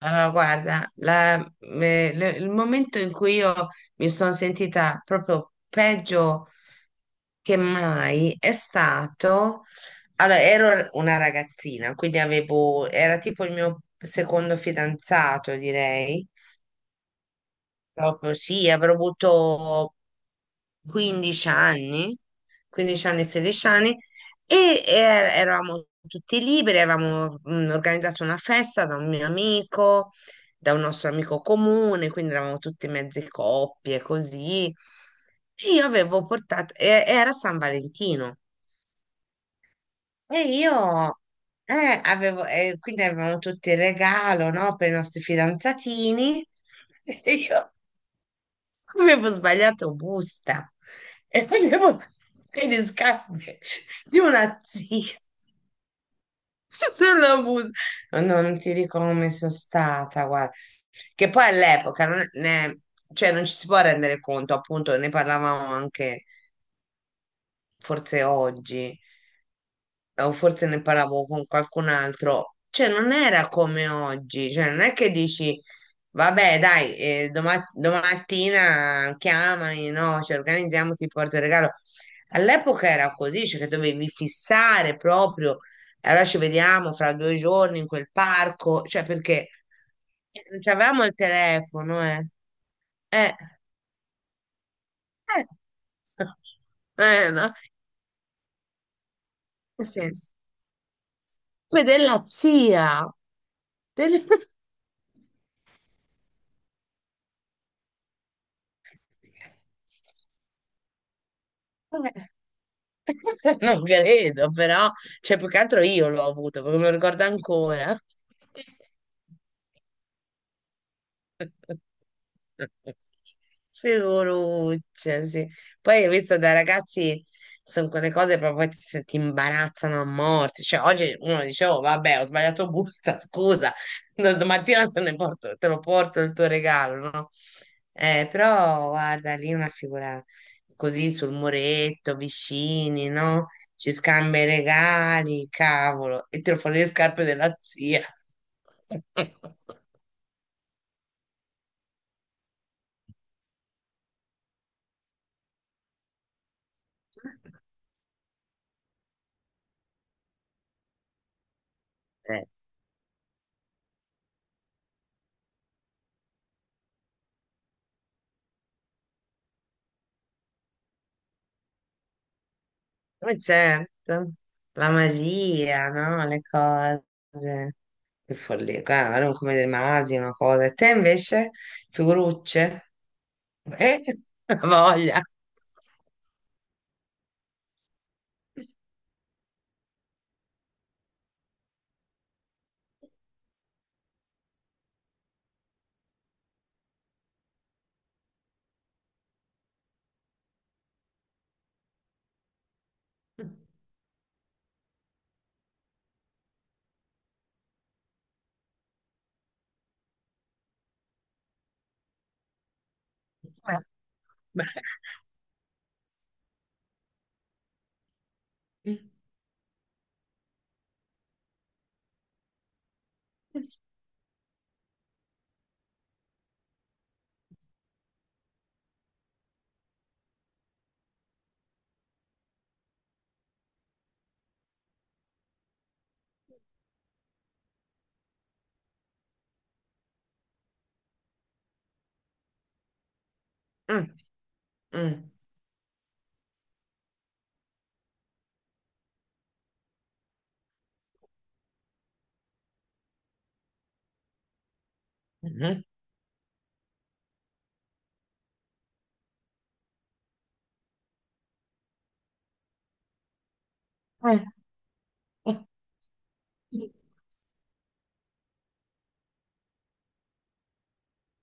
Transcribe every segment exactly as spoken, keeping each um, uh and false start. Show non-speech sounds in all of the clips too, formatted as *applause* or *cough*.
Allora, guarda, la- me- le- il momento in cui io mi sono sentita proprio peggio che mai è stato, allora, ero una ragazzina, quindi avevo, era tipo il mio secondo fidanzato, direi, proprio sì, avrò avuto quindici anni, quindici anni, sedici anni, e er- eravamo tutti liberi, avevamo mm, organizzato una festa da un mio amico, da un nostro amico comune, quindi eravamo tutti mezzi coppie, così. E io avevo portato, e- era San Valentino, e io eh, avevo, e quindi avevamo tutti il regalo, no, per i nostri fidanzatini. *laughs* E io avevo sbagliato busta e avevo i riscambi di una zia *laughs* sulla busta. No, no, non ti dico come sono stata, guarda. Che poi all'epoca non, ne- cioè non ci si può rendere conto, appunto, ne parlavamo anche forse oggi. O forse ne parlavo con qualcun altro, cioè non era come oggi, cioè non è che dici, vabbè, dai, eh, doma- domattina chiamami, no, ci organizziamo, ti porto il regalo. All'epoca era così, cioè che dovevi fissare proprio, e allora ci vediamo fra due giorni in quel parco, cioè perché non c'avevamo il telefono, eh. Eh, eh. *laughs* Eh, no? Nel senso, poi della zia. del- *laughs* Eh, *laughs* Non credo, però, cioè, più che altro io l'ho avuto, perché me lo ricordo ancora. Figuruccia, sì. Poi hai visto, da ragazzi sono quelle cose proprio che se ti imbarazzano a morte. Cioè, oggi uno dice, oh, vabbè, ho sbagliato busta, *laughs* scusa, Da- domattina te ne porto, te lo porto il tuo regalo, no? Eh, però guarda, lì una figura così sul muretto, vicini, no? Ci scambia i regali, cavolo, e tiro fuori le scarpe della zia. *laughs* Eh, ma certo, la magia, no? Le cose, che follia, guarda, non come dei masi, una cosa. E te invece, figurucce? Eh, *laughs* la voglia. Beh, beh. Mm, mm, mm, mm.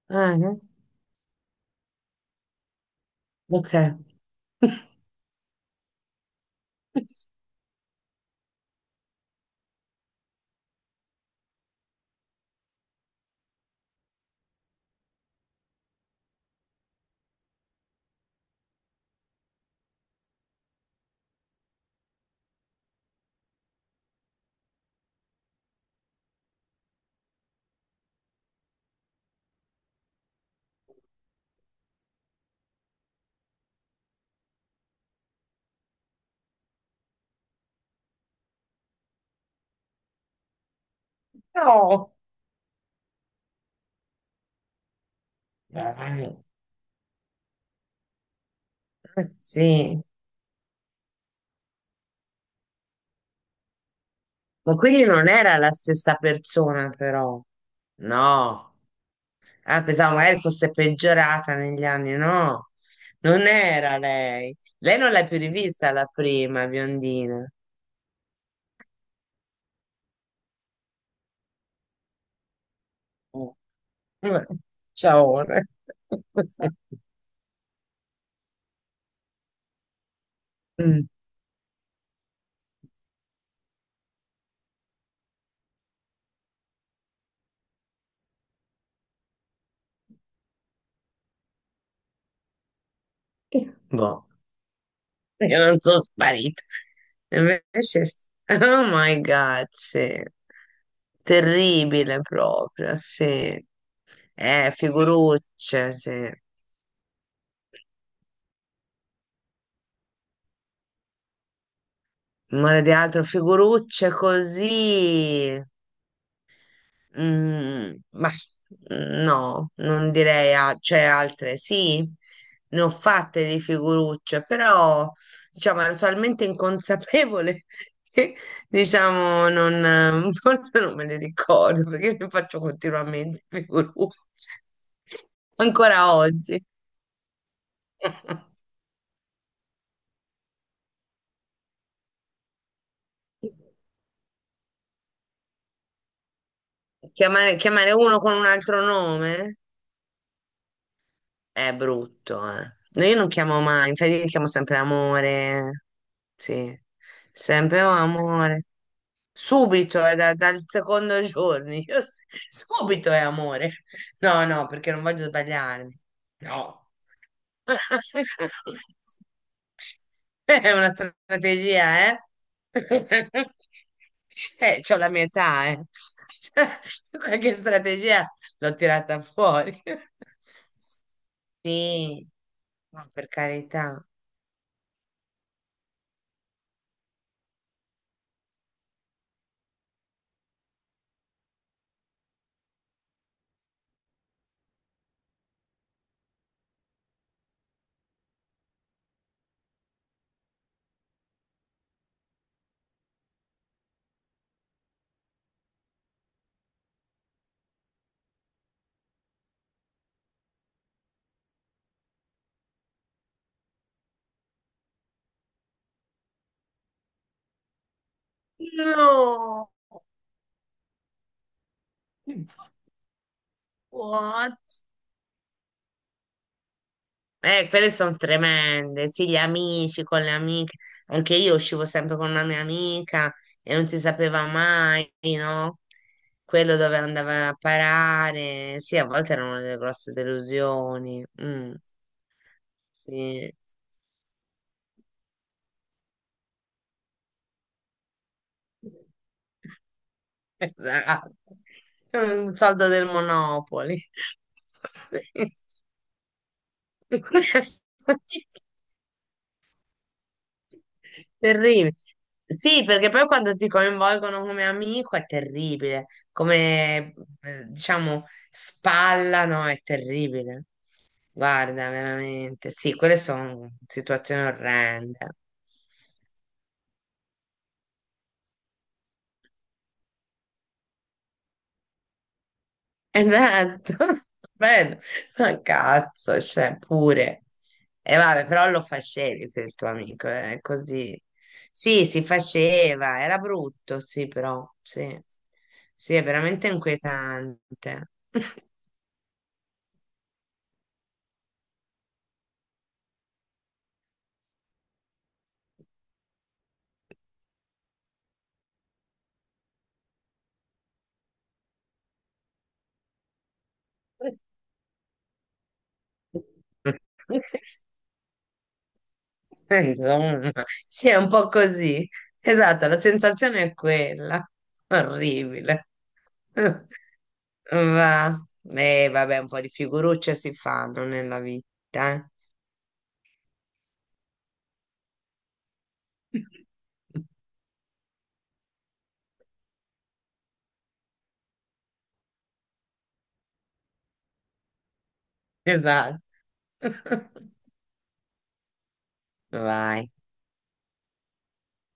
Ah, no? Ok. No. Dai. Eh, Sì, ma quindi non era la stessa persona, però. No. Ah, pensavo magari fosse peggiorata negli anni, no, non era lei. Lei non l'hai più rivista, la prima biondina. Mm. Vabbè, ciao. *laughs* Ora. Mm. Boh, io non sono sparita. Invece, s- oh my God, sì. Terribile proprio, sì. Eh, figurucce, sì. Non di altro, figurucce così. Mm, ma mm, no, non direi, a- cioè altre sì, ne ho fatte di figurucce, però diciamo ero talmente inconsapevole *laughs* che diciamo non, *laughs* forse non me le ricordo perché ne faccio continuamente figurucce, *laughs* ancora oggi. *laughs* Chiamare, chiamare uno con un altro nome? È brutto, eh. No, io non chiamo mai, infatti io chiamo sempre amore. Sì, sempre "Oh, amore. Subito, è da- dal secondo giorno. *laughs* Io s- subito è amore. No, no, perché non voglio sbagliarmi. No. *laughs* È una strategia, eh? *laughs* Eh, c'ho la mia età, eh. *laughs* Cioè, qualche strategia l'ho tirata fuori. *laughs* Sì, ma per carità. No, what? Eh, quelle sono tremende. Sì, gli amici con le amiche. Anche io uscivo sempre con una mia amica e non si sapeva mai, no? Quello dove andava a parare. Sì, a volte erano delle grosse delusioni. Mm, sì, *laughs* esatto. Un soldo del Monopoli. *laughs* Terribile. Sì, perché poi quando ti coinvolgono come amico è terribile, come eh, diciamo spallano è terribile. Guarda, veramente. Sì, quelle sono situazioni orrende. Esatto, *laughs* bello, ma cazzo, cioè pure. E vabbè, però lo facevi per il tuo amico, eh, così. Sì, si faceva, era brutto, sì, però, sì. Sì, è veramente inquietante. *laughs* Insomma, *laughs* sì, è un po' così. Esatto, la sensazione è quella. Orribile. *laughs* Va. Eh, vabbè, un po' di figurucce si fanno nella vita, eh. *laughs* Esatto. *laughs* Vai.